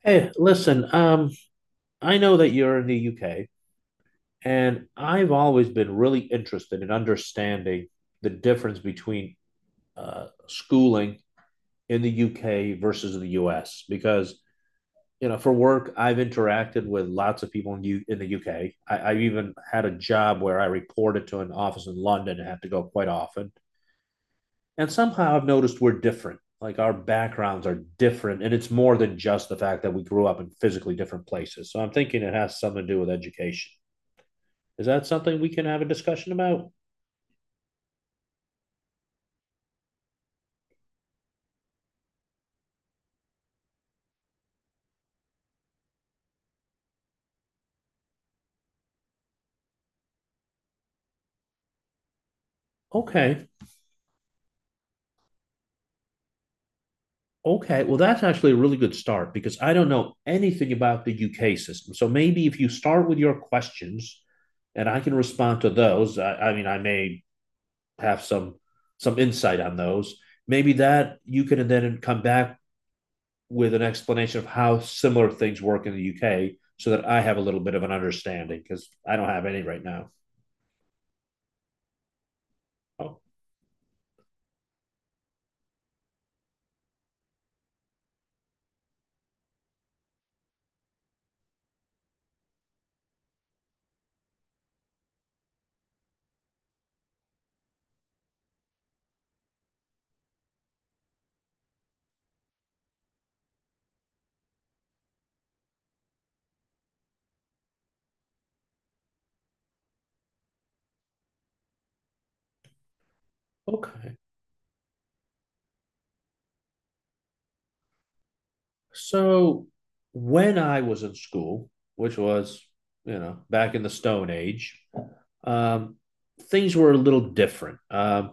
Hey, listen, I know that you're in the UK, and I've always been really interested in understanding the difference between schooling in the UK versus the US because, for work, I've interacted with lots of people in the UK. I've even had a job where I reported to an office in London and had to go quite often. And somehow I've noticed we're different. Like, our backgrounds are different, and it's more than just the fact that we grew up in physically different places. So I'm thinking it has something to do with education. Is that something we can have a discussion about? Okay. Okay, well, that's actually a really good start because I don't know anything about the UK system. So maybe if you start with your questions and I can respond to those, I mean, I may have some insight on those. Maybe that you can then come back with an explanation of how similar things work in the UK so that I have a little bit of an understanding because I don't have any right now. Oh, okay. So when I was in school, which was, you know, back in the Stone Age, um, things were a little different.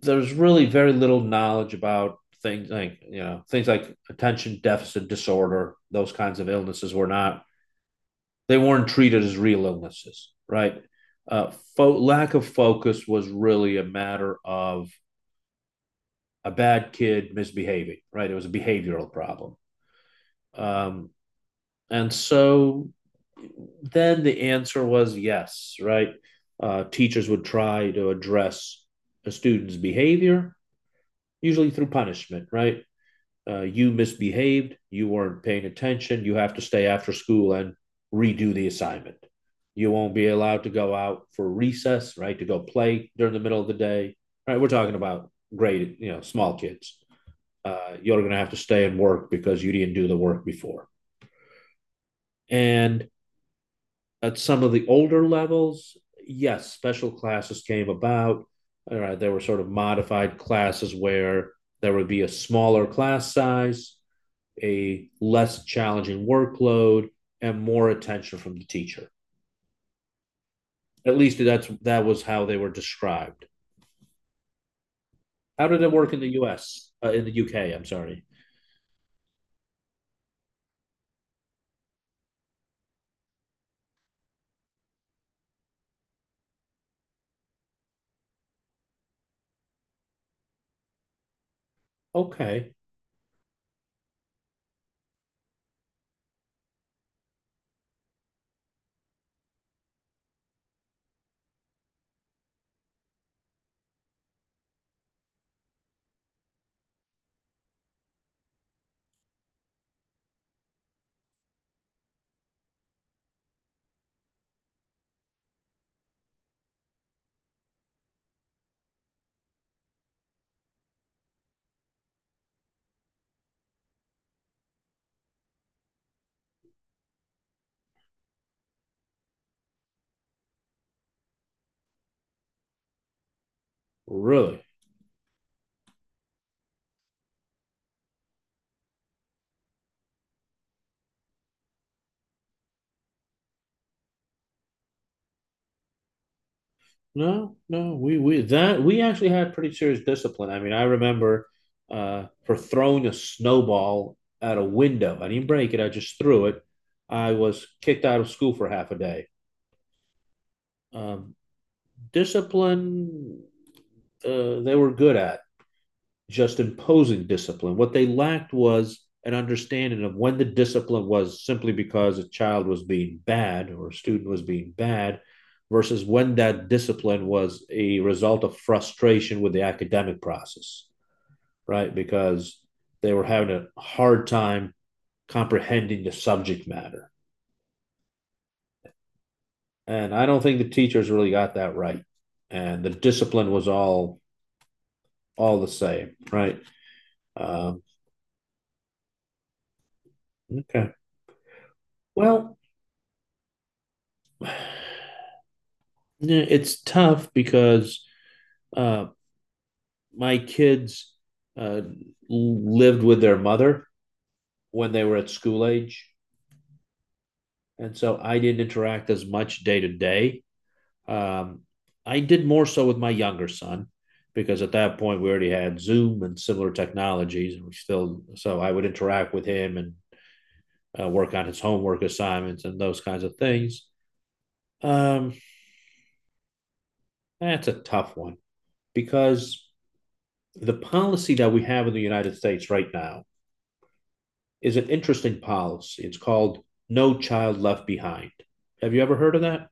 There's really very little knowledge about things like things like attention deficit disorder. Those kinds of illnesses were not, they weren't treated as real illnesses, right? Lack of focus was really a matter of a bad kid misbehaving, right? It was a behavioral problem. Um, And so then the answer was yes, right? Teachers would try to address a student's behavior, usually through punishment, right? You misbehaved, you weren't paying attention, you have to stay after school and redo the assignment. You won't be allowed to go out for recess, right? To go play during the middle of the day, right? We're talking about grade, you know, small kids. You're going to have to stay and work because you didn't do the work before. And at some of the older levels, yes, special classes came about. All right, there were sort of modified classes where there would be a smaller class size, a less challenging workload, and more attention from the teacher. At least that was how they were described. How did it work in the U.S. In the U.K.? I'm sorry. Okay, really? No, no, we actually had pretty serious discipline. I mean, I remember for throwing a snowball at a window. I didn't break it; I just threw it. I was kicked out of school for half a day. Um, discipline, they were good at. Just imposing discipline. What they lacked was an understanding of when the discipline was simply because a child was being bad or a student was being bad versus when that discipline was a result of frustration with the academic process, right? Because they were having a hard time comprehending the subject matter. And I don't think the teachers really got that right. And the discipline was all the same, right? Um, okay. Well, yeah, it's tough because uh, my kids uh, lived with their mother when they were at school age, and so I didn't interact as much day to day. Um, I did more so with my younger son because at that point we already had Zoom and similar technologies, and we still, so I would interact with him and work on his homework assignments and those kinds of things. Um, that's a tough one because the policy that we have in the United States right now is an interesting policy. It's called No Child Left Behind. Have you ever heard of that?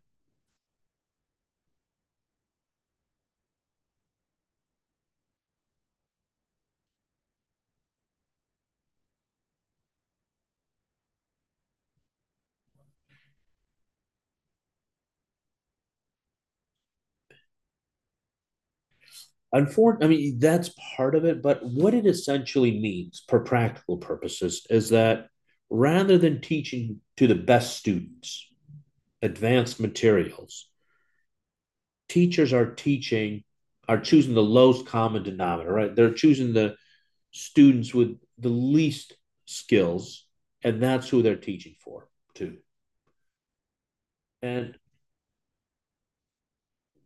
Unfortunately, I mean, that's part of it, but what it essentially means for practical purposes is that rather than teaching to the best students advanced materials, teachers are teaching, are choosing the lowest common denominator, right? They're choosing the students with the least skills, and that's who they're teaching for, too. And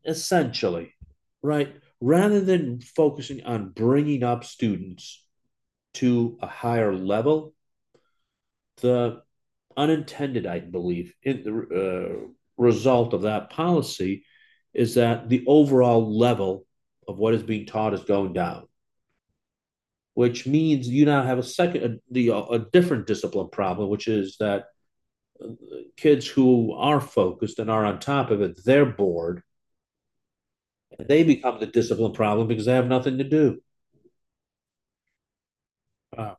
essentially, right? Rather than focusing on bringing up students to a higher level, the unintended, I believe, in the result of that policy is that the overall level of what is being taught is going down, which means you now have a different discipline problem, which is that kids who are focused and are on top of it, they're bored. They become the discipline problem because they have nothing to do. Uh,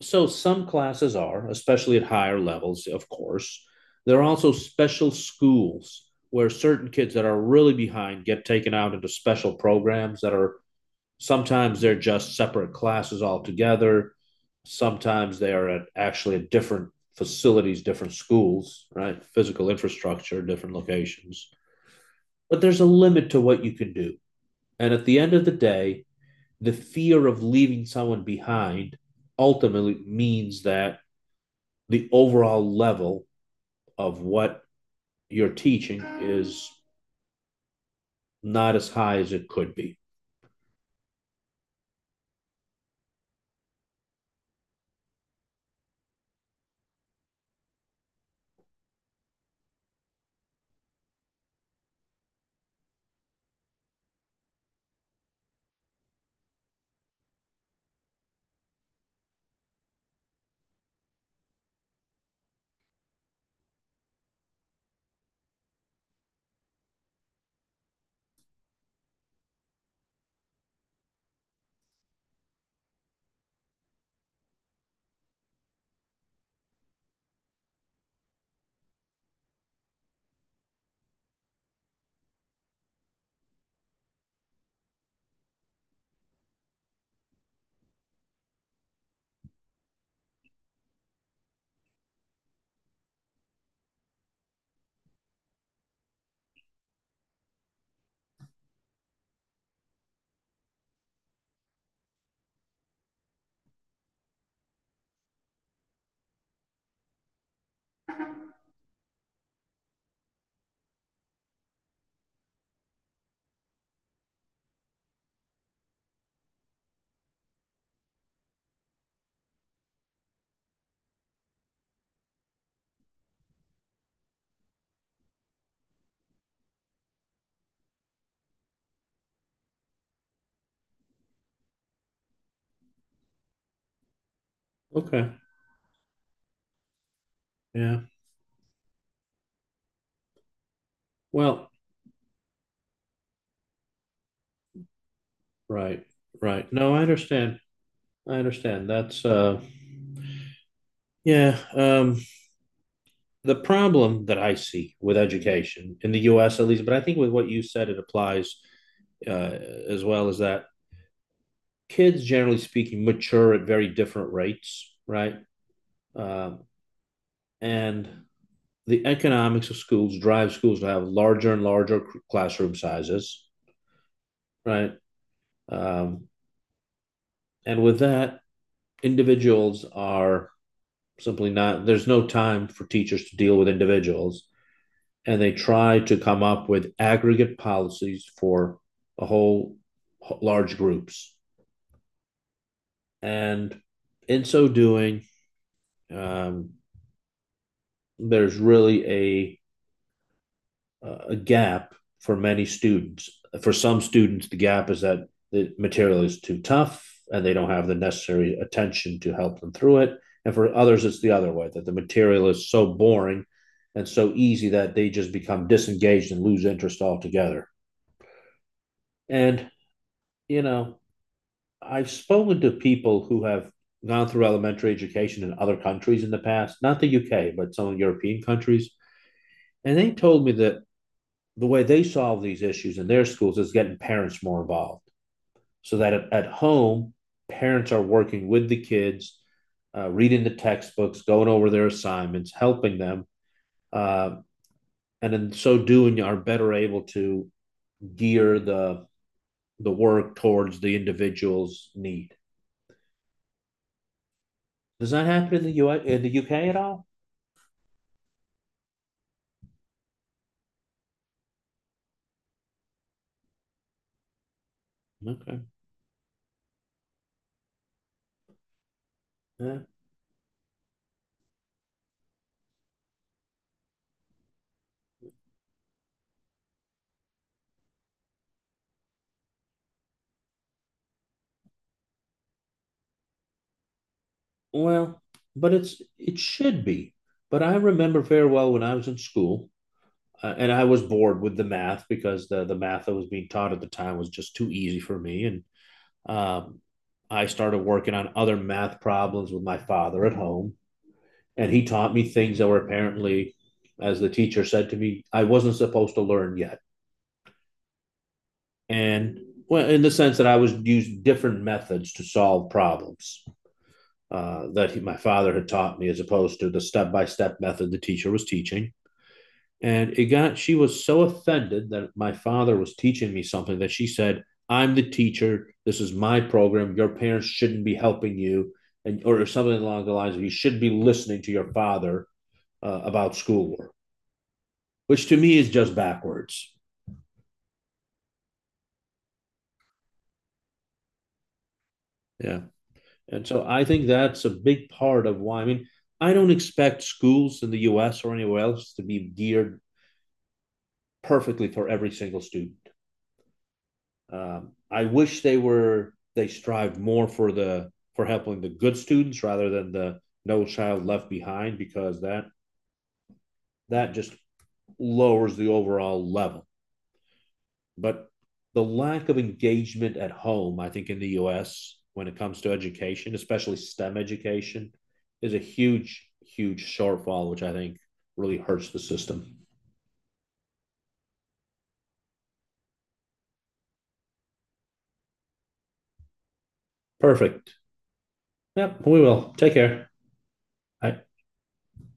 So some classes are, especially at higher levels, of course. There are also special schools where certain kids that are really behind get taken out into special programs that are sometimes they're just separate classes altogether. Sometimes they are at actually at different facilities, different schools, right? Physical infrastructure, different locations. But there's a limit to what you can do. And at the end of the day, the fear of leaving someone behind ultimately means that the overall level of what you're teaching is not as high as it could be. Okay. Yeah. Well, right. Right. No, I understand. I understand. Yeah, um the problem that I see with education in the US at least, but I think with what you said it applies as well is that kids generally speaking mature at very different rates, right? Um uh, and the economics of schools drive schools to have larger and larger classroom sizes, right? Um, and with that, individuals are simply not, there's no time for teachers to deal with individuals. And they try to come up with aggregate policies for a whole large groups. And in so doing, um, there's really a gap for many students. For some students, the gap is that the material is too tough and they don't have the necessary attention to help them through it. And for others, it's the other way that the material is so boring and so easy that they just become disengaged and lose interest altogether. And, you know, I've spoken to people who have gone through elementary education in other countries in the past, not the UK, but some European countries. And they told me that the way they solve these issues in their schools is getting parents more involved so that at home parents are working with the kids reading the textbooks, going over their assignments, helping them, uh, and in so doing are better able to gear the work towards the individual's need. Does that happen in the U.S., in the UK at all? Okay. Yeah. Well, but it should be. But I remember very well when I was in school, and I was bored with the math because the math that was being taught at the time was just too easy for me, and um, I started working on other math problems with my father at home, and he taught me things that were apparently, as the teacher said to me, I wasn't supposed to learn yet, and well, in the sense that I was used different methods to solve problems that he, my father, had taught me, as opposed to the step by step method the teacher was teaching. And it got, she was so offended that my father was teaching me something that she said, I'm the teacher. This is my program. Your parents shouldn't be helping you. And, or something along the lines of, you should be listening to your father about schoolwork, which to me is just backwards. Yeah. And so I think that's a big part of why. I mean, I don't expect schools in the US or anywhere else to be geared perfectly for every single student. I wish they strived more for the for helping the good students rather than the no child left behind because that just lowers the overall level. But the lack of engagement at home, I think, in the U.S. when it comes to education, especially STEM education, is a huge shortfall, which I think really hurts the system. Perfect. Yep, we will. Take care. I,